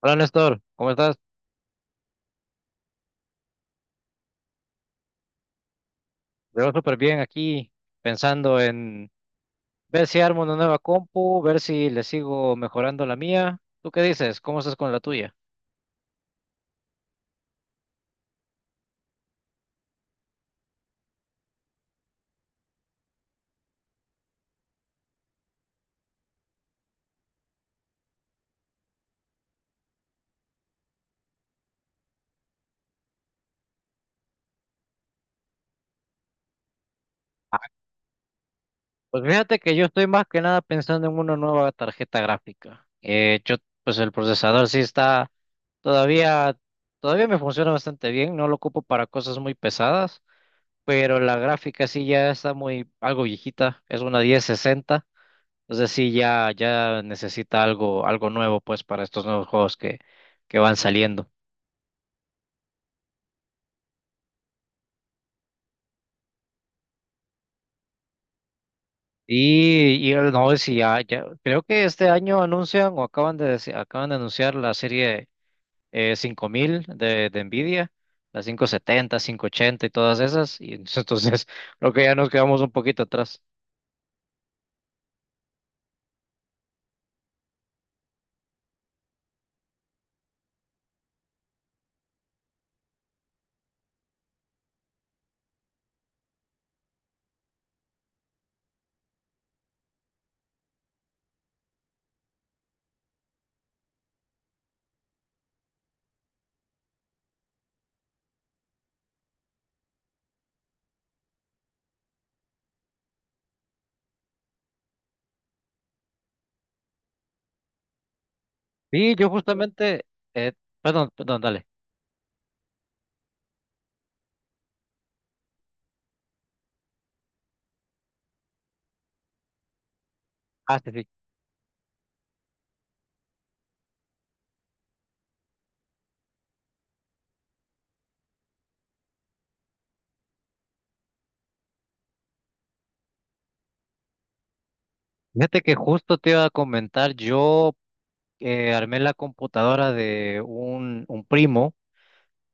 Hola Néstor, ¿cómo estás? Te veo súper bien aquí, pensando en ver si armo una nueva compu, ver si le sigo mejorando la mía. ¿Tú qué dices? ¿Cómo estás con la tuya? Pues fíjate que yo estoy más que nada pensando en una nueva tarjeta gráfica. Pues el procesador sí está todavía, todavía me funciona bastante bien, no lo ocupo para cosas muy pesadas, pero la gráfica sí ya está muy algo viejita, es una 1060. O sea sí, ya necesita algo nuevo pues para estos nuevos juegos que van saliendo. No, si ya, creo que este año anuncian o acaban acaban de anunciar la serie 5000 de Nvidia, la 5070, 5080 y todas esas. Y entonces creo que ya nos quedamos un poquito atrás. Sí, yo justamente, eh, dale. Ah, sí, sí. Fíjate que justo te iba a comentar, yo armé la computadora de un primo.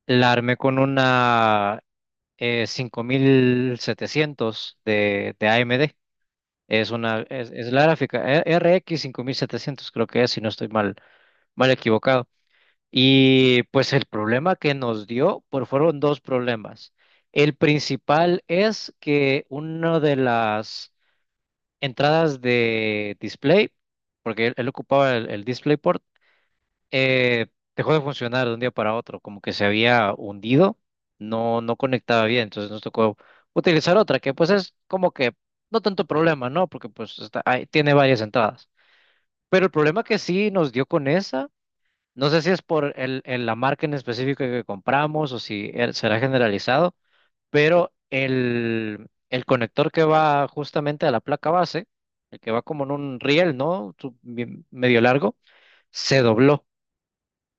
La armé con una 5700 de AMD. Es la gráfica R X 5700 creo que es, si no estoy mal, mal equivocado. Y pues el problema que nos dio, pues fueron dos problemas. El principal es que una de las entradas de display, porque él ocupaba el DisplayPort, eh, dejó de funcionar de un día para otro, como que se había hundido, no conectaba bien, entonces nos tocó utilizar otra, que pues es como que no tanto problema, ¿no? Porque pues está, ahí tiene varias entradas. Pero el problema que sí nos dio con esa, no sé si es por la marca en específico que compramos o si será generalizado, pero el conector que va justamente a la placa base, el que va como en un riel, ¿no? Medio largo, se dobló.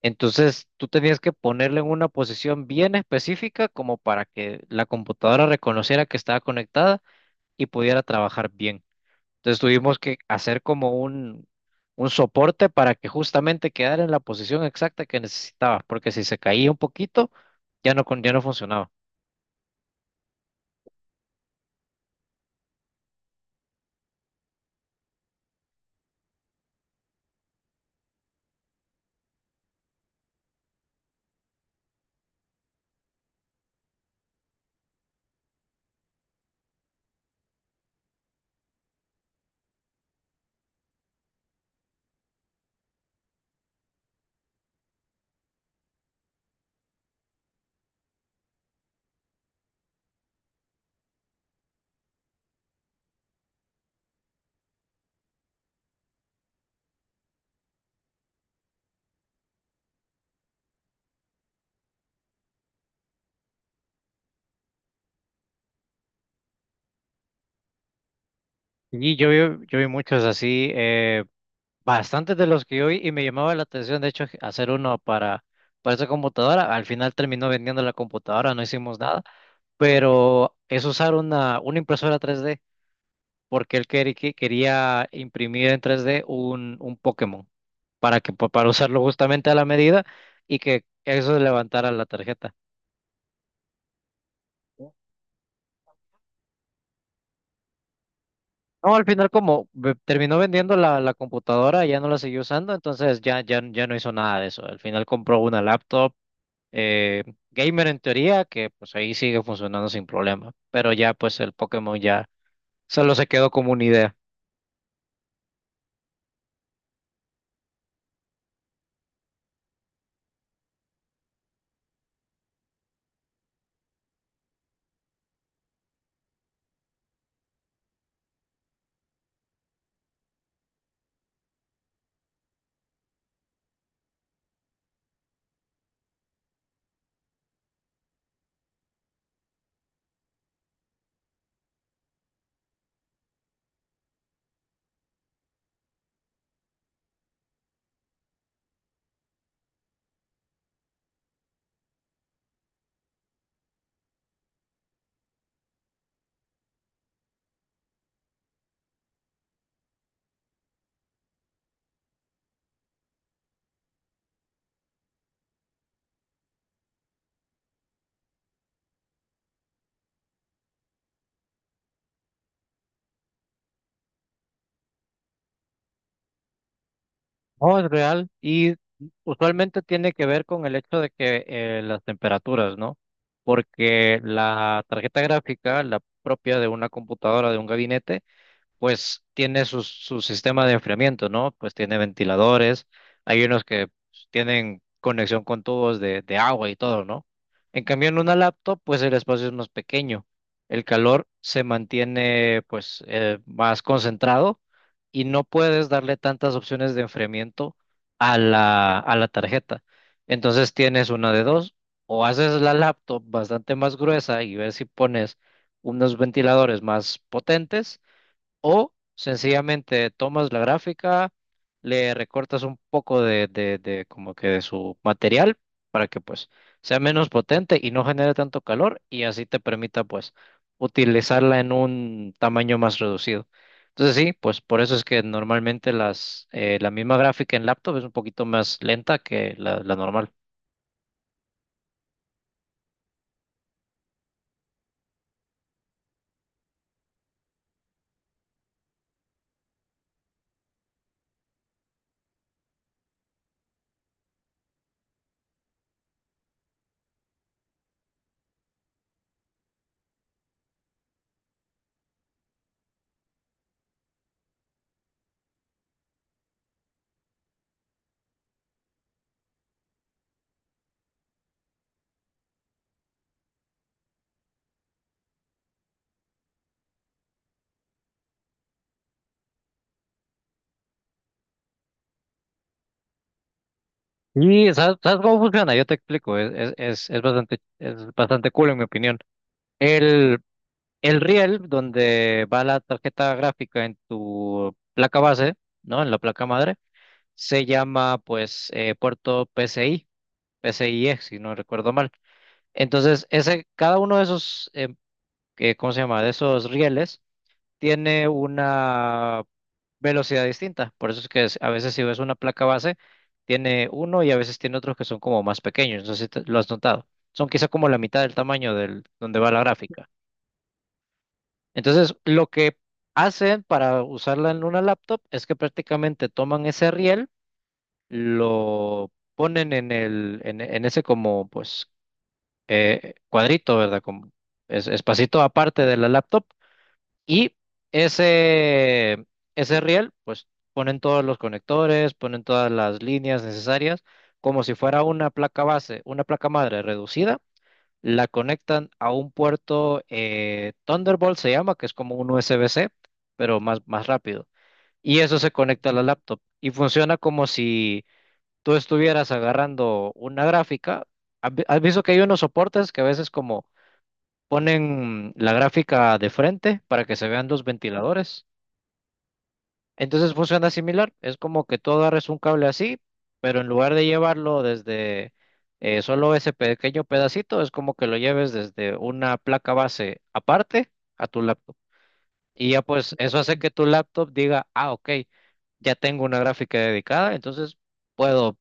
Entonces, tú tenías que ponerle en una posición bien específica como para que la computadora reconociera que estaba conectada y pudiera trabajar bien. Entonces, tuvimos que hacer como un soporte para que justamente quedara en la posición exacta que necesitaba, porque si se caía un poquito, ya no, ya no funcionaba. Yo vi muchos así, bastantes de los que yo vi y me llamaba la atención, de hecho, hacer uno para esa computadora. Al final terminó vendiendo la computadora, no hicimos nada pero es usar una impresora 3D, porque él quería imprimir en 3D un Pokémon para que para usarlo justamente a la medida y que eso levantara la tarjeta. No, al final como terminó vendiendo la computadora, ya no la siguió usando, entonces ya no hizo nada de eso. Al final compró una laptop eh, gamer en teoría, que pues ahí sigue funcionando sin problema, pero ya pues el Pokémon ya solo se quedó como una idea. No, es real y usualmente tiene que ver con el hecho de que las temperaturas, ¿no? Porque la tarjeta gráfica, la propia de una computadora, de un gabinete, pues tiene su sistema de enfriamiento, ¿no? Pues tiene ventiladores, hay unos que pues, tienen conexión con tubos de agua y todo, ¿no? En cambio, en una laptop, pues el espacio es más pequeño, el calor se mantiene pues más concentrado y no puedes darle tantas opciones de enfriamiento a a la tarjeta. Entonces tienes una de dos, o haces la laptop bastante más gruesa y ver si pones unos ventiladores más potentes o sencillamente tomas la gráfica, le recortas un poco de como que de su material para que pues sea menos potente y no genere tanto calor y así te permita pues utilizarla en un tamaño más reducido. Entonces sí, pues por eso es que normalmente la misma gráfica en laptop es un poquito más lenta que la normal. Y ¿ sabes cómo funciona? Yo te explico, es bastante cool en mi opinión. El, El riel donde va la tarjeta gráfica en tu placa base, ¿no? En la placa madre, se llama pues puerto PCI, PCIe, si no recuerdo mal. Entonces, ese, cada uno de esos, ¿cómo se llama? De esos rieles tiene una velocidad distinta. Por eso es que a veces si ves una placa base, tiene uno y a veces tiene otros que son como más pequeños. No sé si lo has notado. Son quizá como la mitad del tamaño del donde va la gráfica. Entonces, lo que hacen para usarla en una laptop es que prácticamente toman ese riel, lo ponen en ese como, pues, cuadrito, ¿verdad? Como espacito aparte de la laptop y ese, ese riel, pues, ponen todos los conectores, ponen todas las líneas necesarias, como si fuera una placa base, una placa madre reducida, la conectan a un puerto Thunderbolt se llama, que es como un USB-C, pero más rápido. Y eso se conecta a la laptop y funciona como si tú estuvieras agarrando una gráfica. Has visto que hay unos soportes que a veces como ponen la gráfica de frente para que se vean los ventiladores? Entonces funciona similar, es como que tú agarres un cable así, pero en lugar de llevarlo desde solo ese pequeño pedacito, es como que lo lleves desde una placa base aparte a tu laptop. Y ya pues eso hace que tu laptop diga, ah, ok, ya tengo una gráfica dedicada, entonces puedo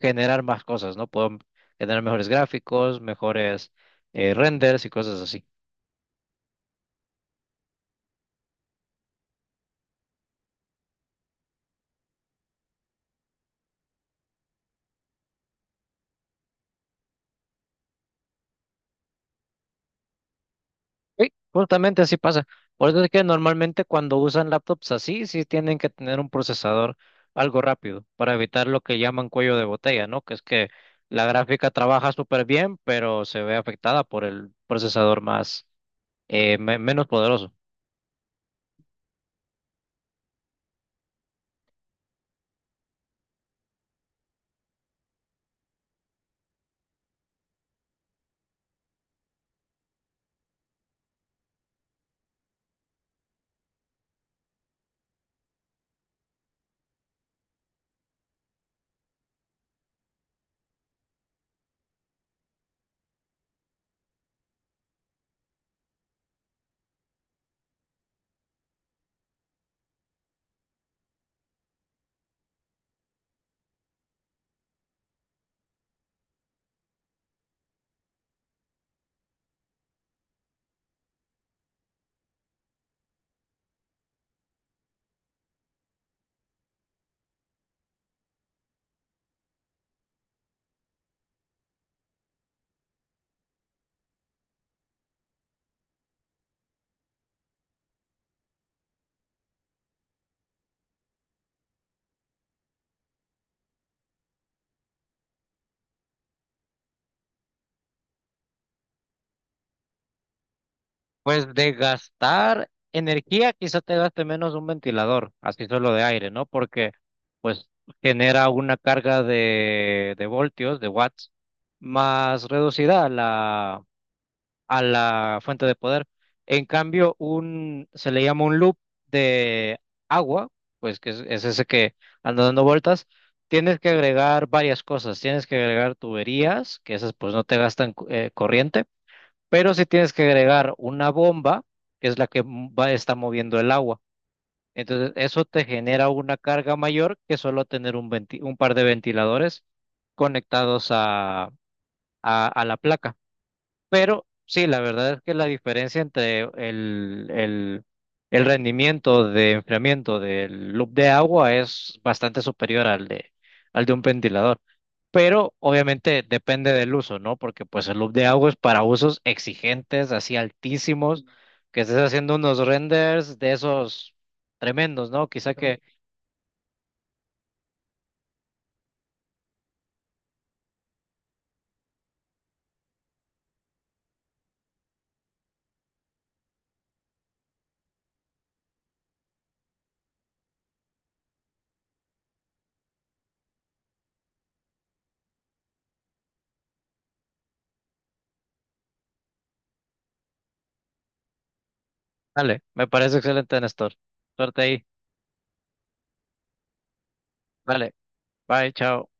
generar más cosas, ¿no? Puedo generar mejores gráficos, mejores renders y cosas así. Sí, justamente así pasa. Por eso es que normalmente cuando usan laptops así, sí tienen que tener un procesador algo rápido para evitar lo que llaman cuello de botella, ¿no? Que es que la gráfica trabaja súper bien, pero se ve afectada por el procesador más menos poderoso. Pues de gastar energía, quizá te gaste menos un ventilador, así solo de aire, ¿no? Porque pues genera una carga de voltios, de watts, más reducida la a la fuente de poder. En cambio, se le llama un loop de agua, pues que es ese que anda dando vueltas. Tienes que agregar varias cosas. Tienes que agregar tuberías, que esas pues no te gastan corriente, pero sí tienes que agregar una bomba, que es la que está moviendo el agua. Entonces, eso te genera una carga mayor que solo tener un par de ventiladores conectados a la placa. Pero sí, la verdad es que la diferencia entre el rendimiento de enfriamiento del loop de agua es bastante superior al al de un ventilador. Pero obviamente depende del uso, ¿no? Porque pues el loop de agua es para usos exigentes, así altísimos, que estés haciendo unos renders de esos tremendos, ¿no? Quizá que... Dale, me parece excelente, Néstor. Suerte ahí. Vale, bye, chao.